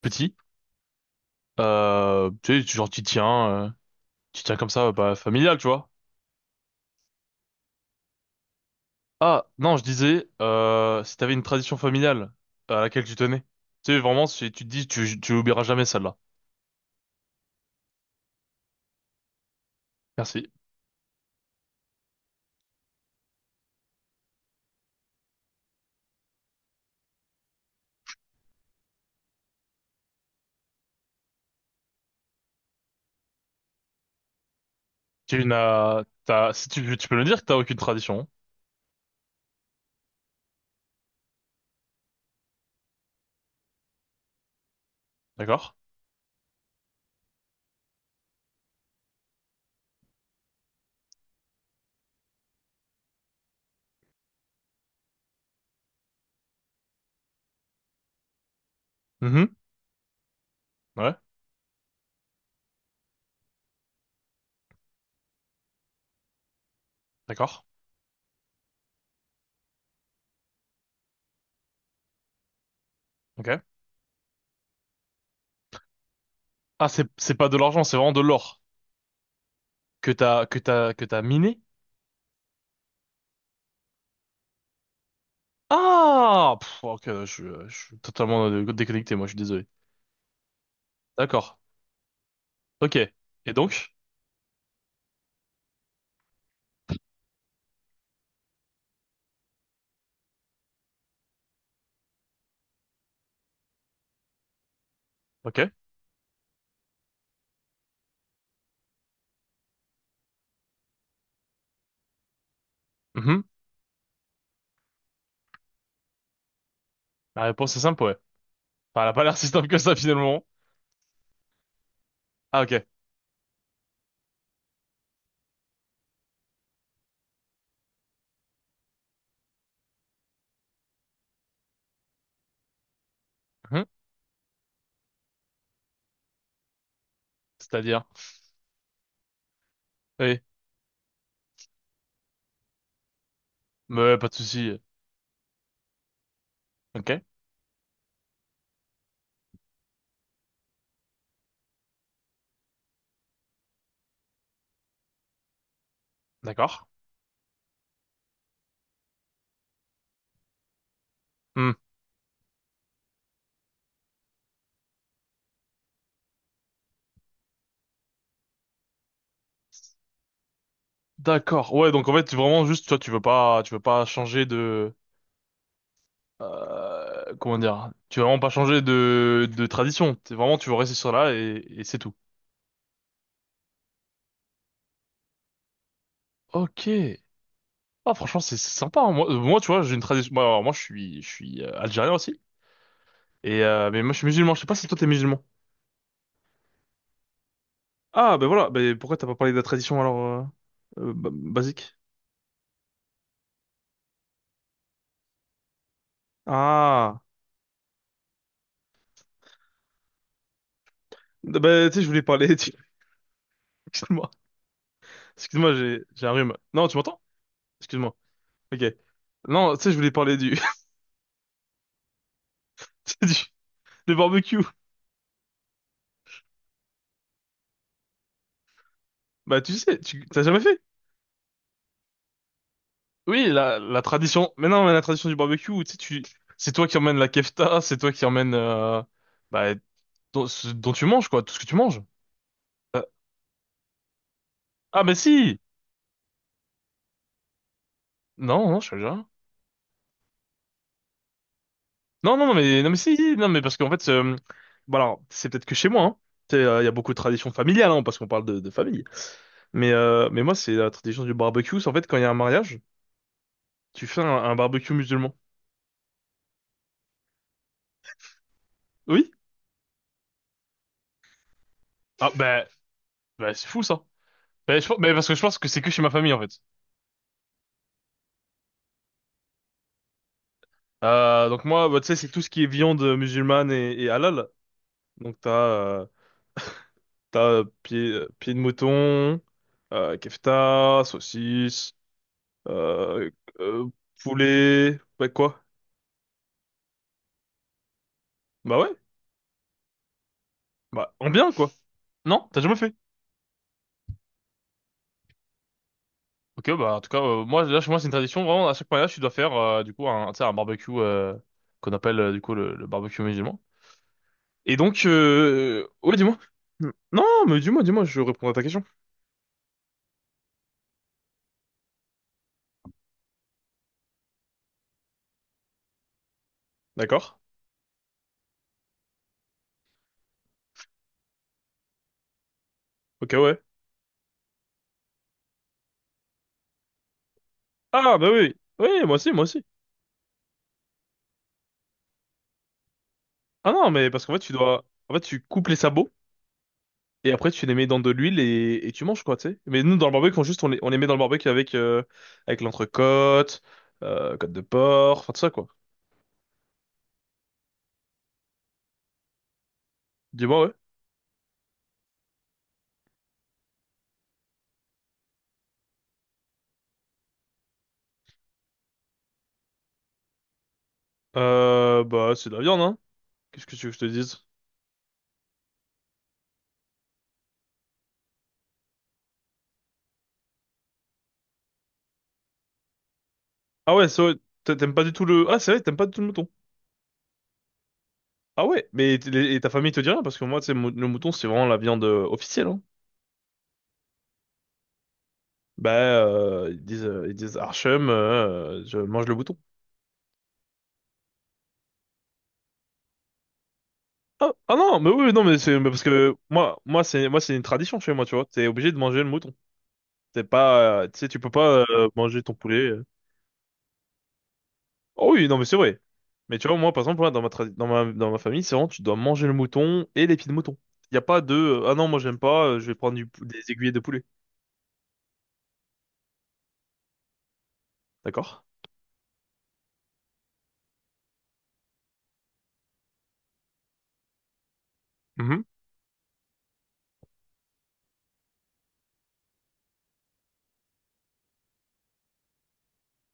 Petit. Tu sais, tu genre, tu tiens comme ça, bah, familial, tu vois. Ah, non, je disais, si t'avais une tradition familiale à laquelle tu tenais. Tu sais, vraiment, si tu te dis, tu oublieras jamais celle-là. Merci. T'as, si tu, tu peux me dire que t'as aucune tradition, hein. D'accord? Mhm. Ouais. D'accord. Ok. Ah, c'est pas de l'argent, c'est vraiment de l'or que t'as miné? Ah! Pff, ok, je suis totalement déconnecté, moi, je suis désolé. D'accord. Ok. Et donc? Ok. Mhm. La réponse est simple, ouais. Enfin, elle a pas l'air si simple que ça, finalement. Ah, ok. Hum. C'est-à-dire? Oui. Mais ouais, pas de souci. Ok. D'accord. Hum. D'accord. Ouais, donc en fait, vraiment juste, toi, tu veux pas changer de, comment dire? Tu veux vraiment pas changer de tradition. T'es vraiment, tu veux rester sur là et c'est tout. Ok. Ah, franchement, c'est sympa, hein. Moi, moi, tu vois, j'ai une tradition. Moi, alors, moi, je suis algérien aussi. Et mais moi, je suis musulman. Je sais pas si toi, t'es musulman. Ah, ben voilà. Ben pourquoi t'as pas parlé de la tradition alors basique? Ah, bah, tu sais, je voulais parler. Excuse-moi. Excuse-moi, j'ai un rhume. Non, tu m'entends? Excuse-moi. Ok. Non, tu sais, je voulais parler du... du du barbecue. Bah, tu sais, tu t'as jamais fait? Oui, la la tradition. Mais non, mais la tradition du barbecue, tu sais, tu c'est toi qui emmènes la kefta, c'est toi qui emmènes bah ce dont tu manges quoi, tout ce que tu manges. Euh, Ah, mais si. Non, non, je suis algérien. Non, non, non, mais non, mais si, si, non, mais parce qu'en fait, bon alors, c'est peut-être que chez moi, hein. Tu sais, il y a beaucoup de traditions familiales, hein, parce qu'on parle de famille. Mais moi, c'est la tradition du barbecue. C'est en fait, quand il y a un mariage, tu fais un barbecue musulman. Oui? Ah, bah, bah c'est fou ça. Mais parce que je pense que c'est que chez ma famille en fait. Donc moi, bah, tu sais, c'est tout ce qui est viande musulmane et halal. Donc t'as t'as pied, pied de mouton, kefta, saucisse, euh, euh, poulet, bah quoi? Bah ouais, bah en bien quoi. Non? T'as jamais fait? Ok, bah en tout cas, moi là chez moi c'est une tradition vraiment à chaque mariage tu dois faire tu sais, un barbecue qu'on appelle le barbecue musulman. Et donc ouais dis-moi. Non mais dis-moi dis-moi je réponds à ta question. D'accord. Ok ouais. Ah bah oui oui moi aussi moi aussi. Ah non mais parce qu'en fait tu dois en fait tu coupes les sabots et après tu les mets dans de l'huile et tu manges quoi tu sais. Mais nous dans le barbecue on juste on les met dans le barbecue avec l'entrecôte, côte de porc, enfin tout ça quoi. Dis-moi ouais. Bah c'est de la viande hein. Qu'est-ce que tu veux que je te dise? Ah ouais, c'est vrai, t'aimes pas du tout le... Ah c'est vrai, t'aimes pas du tout le mouton. Ah ouais, mais et ta famille te dit rien parce que moi, tu sais, le mouton, c'est vraiment la viande officielle, hein. Bah, ils disent Archem, je mange le mouton. Ah, ah non, mais oui, non, mais c'est mais parce que moi, c'est une tradition chez moi, tu vois. T'es obligé de manger le mouton. T'es pas, tu sais, tu peux pas manger ton poulet, euh. Oh oui, non, mais c'est vrai. Mais tu vois, moi, par exemple, moi, dans ma, tra- dans ma famille, c'est vraiment, tu dois manger le mouton et les pieds de mouton. Il n'y a pas de, ah non, moi, j'aime pas, je vais prendre des aiguillets de poulet. D'accord? Mhm.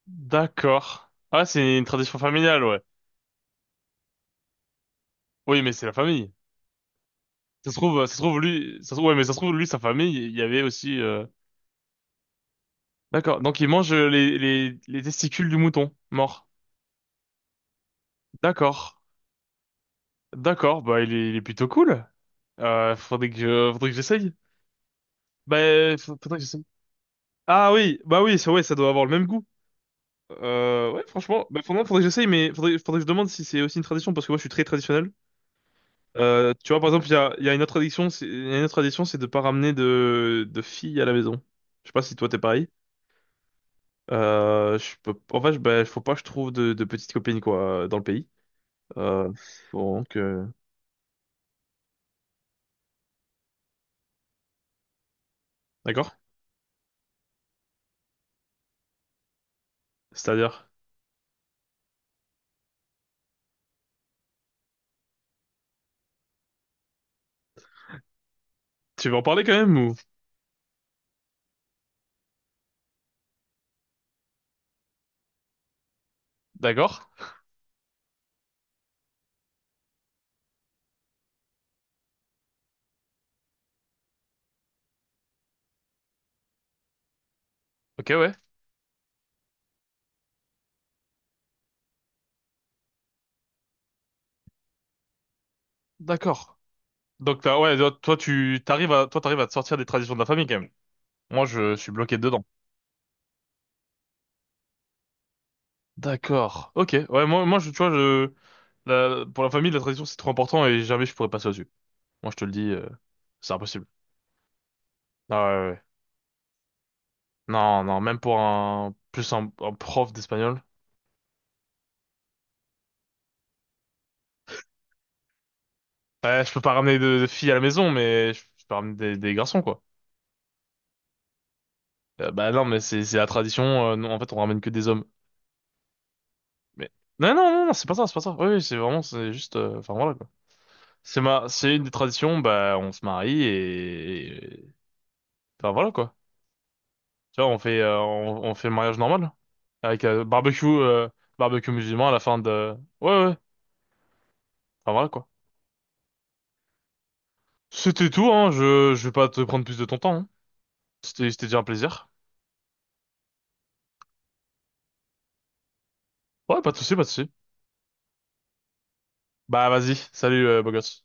D'accord. Ah, c'est une tradition familiale, ouais. Oui, mais c'est la famille. Ça se trouve, ouais, mais ça se trouve lui, sa famille, il y avait aussi, euh. D'accord. Donc il mange les testicules du mouton mort. D'accord. D'accord. Bah il est plutôt cool. Faudrait que j'essaye. Bah faudrait que j'essaye. Ah oui, bah oui, ça, ouais, ça doit avoir le même goût. Ouais, franchement, bah, faudrait que j'essaye, mais faudrait que je demande si c'est aussi une tradition, parce que moi je suis très traditionnel. Tu vois, par exemple, il y a une autre tradition, c'est, il y a une autre tradition, c'est de pas ramener de filles à la maison. Je sais pas si toi t'es pareil. Je peux, en fait, bah, faut pas que je trouve de petites copines, quoi, dans le pays. Euh, bon, donc, d'accord. C'est-à-dire, tu veux en parler quand même ou? D'accord. Ok, ouais. D'accord. Donc, ouais, toi, t'arrives à, toi, t'arrives à te sortir des traditions de la famille quand même. Moi, je suis bloqué dedans. D'accord. Ok. Ouais, moi, tu vois, pour la famille, la tradition, c'est trop important et jamais je pourrais passer au-dessus. Moi, je te le dis, c'est impossible. Ah, ouais, ouais, ouais. Non, non, même pour un prof d'espagnol. Ouais, je peux pas ramener de filles à la maison, mais je peux ramener des garçons, quoi. Bah non, mais c'est la tradition, non, en fait, on ramène que des hommes. Mais non, non, non, non, c'est pas ça, c'est pas ça. Oui, oui, c'est vraiment, c'est juste, enfin voilà, quoi. C'est ma, c'est une des traditions. Bah, on se marie et- enfin voilà, quoi. Tu vois, on fait, on fait le mariage normal. Avec barbecue musulman à la fin de... Ouais, ouais. Enfin, voilà, quoi. C'était tout, hein. Je vais pas te prendre plus de ton temps, hein. C'était déjà un plaisir. Ouais, pas de souci, pas de souci. Bah, vas-y. Salut, beau gosse.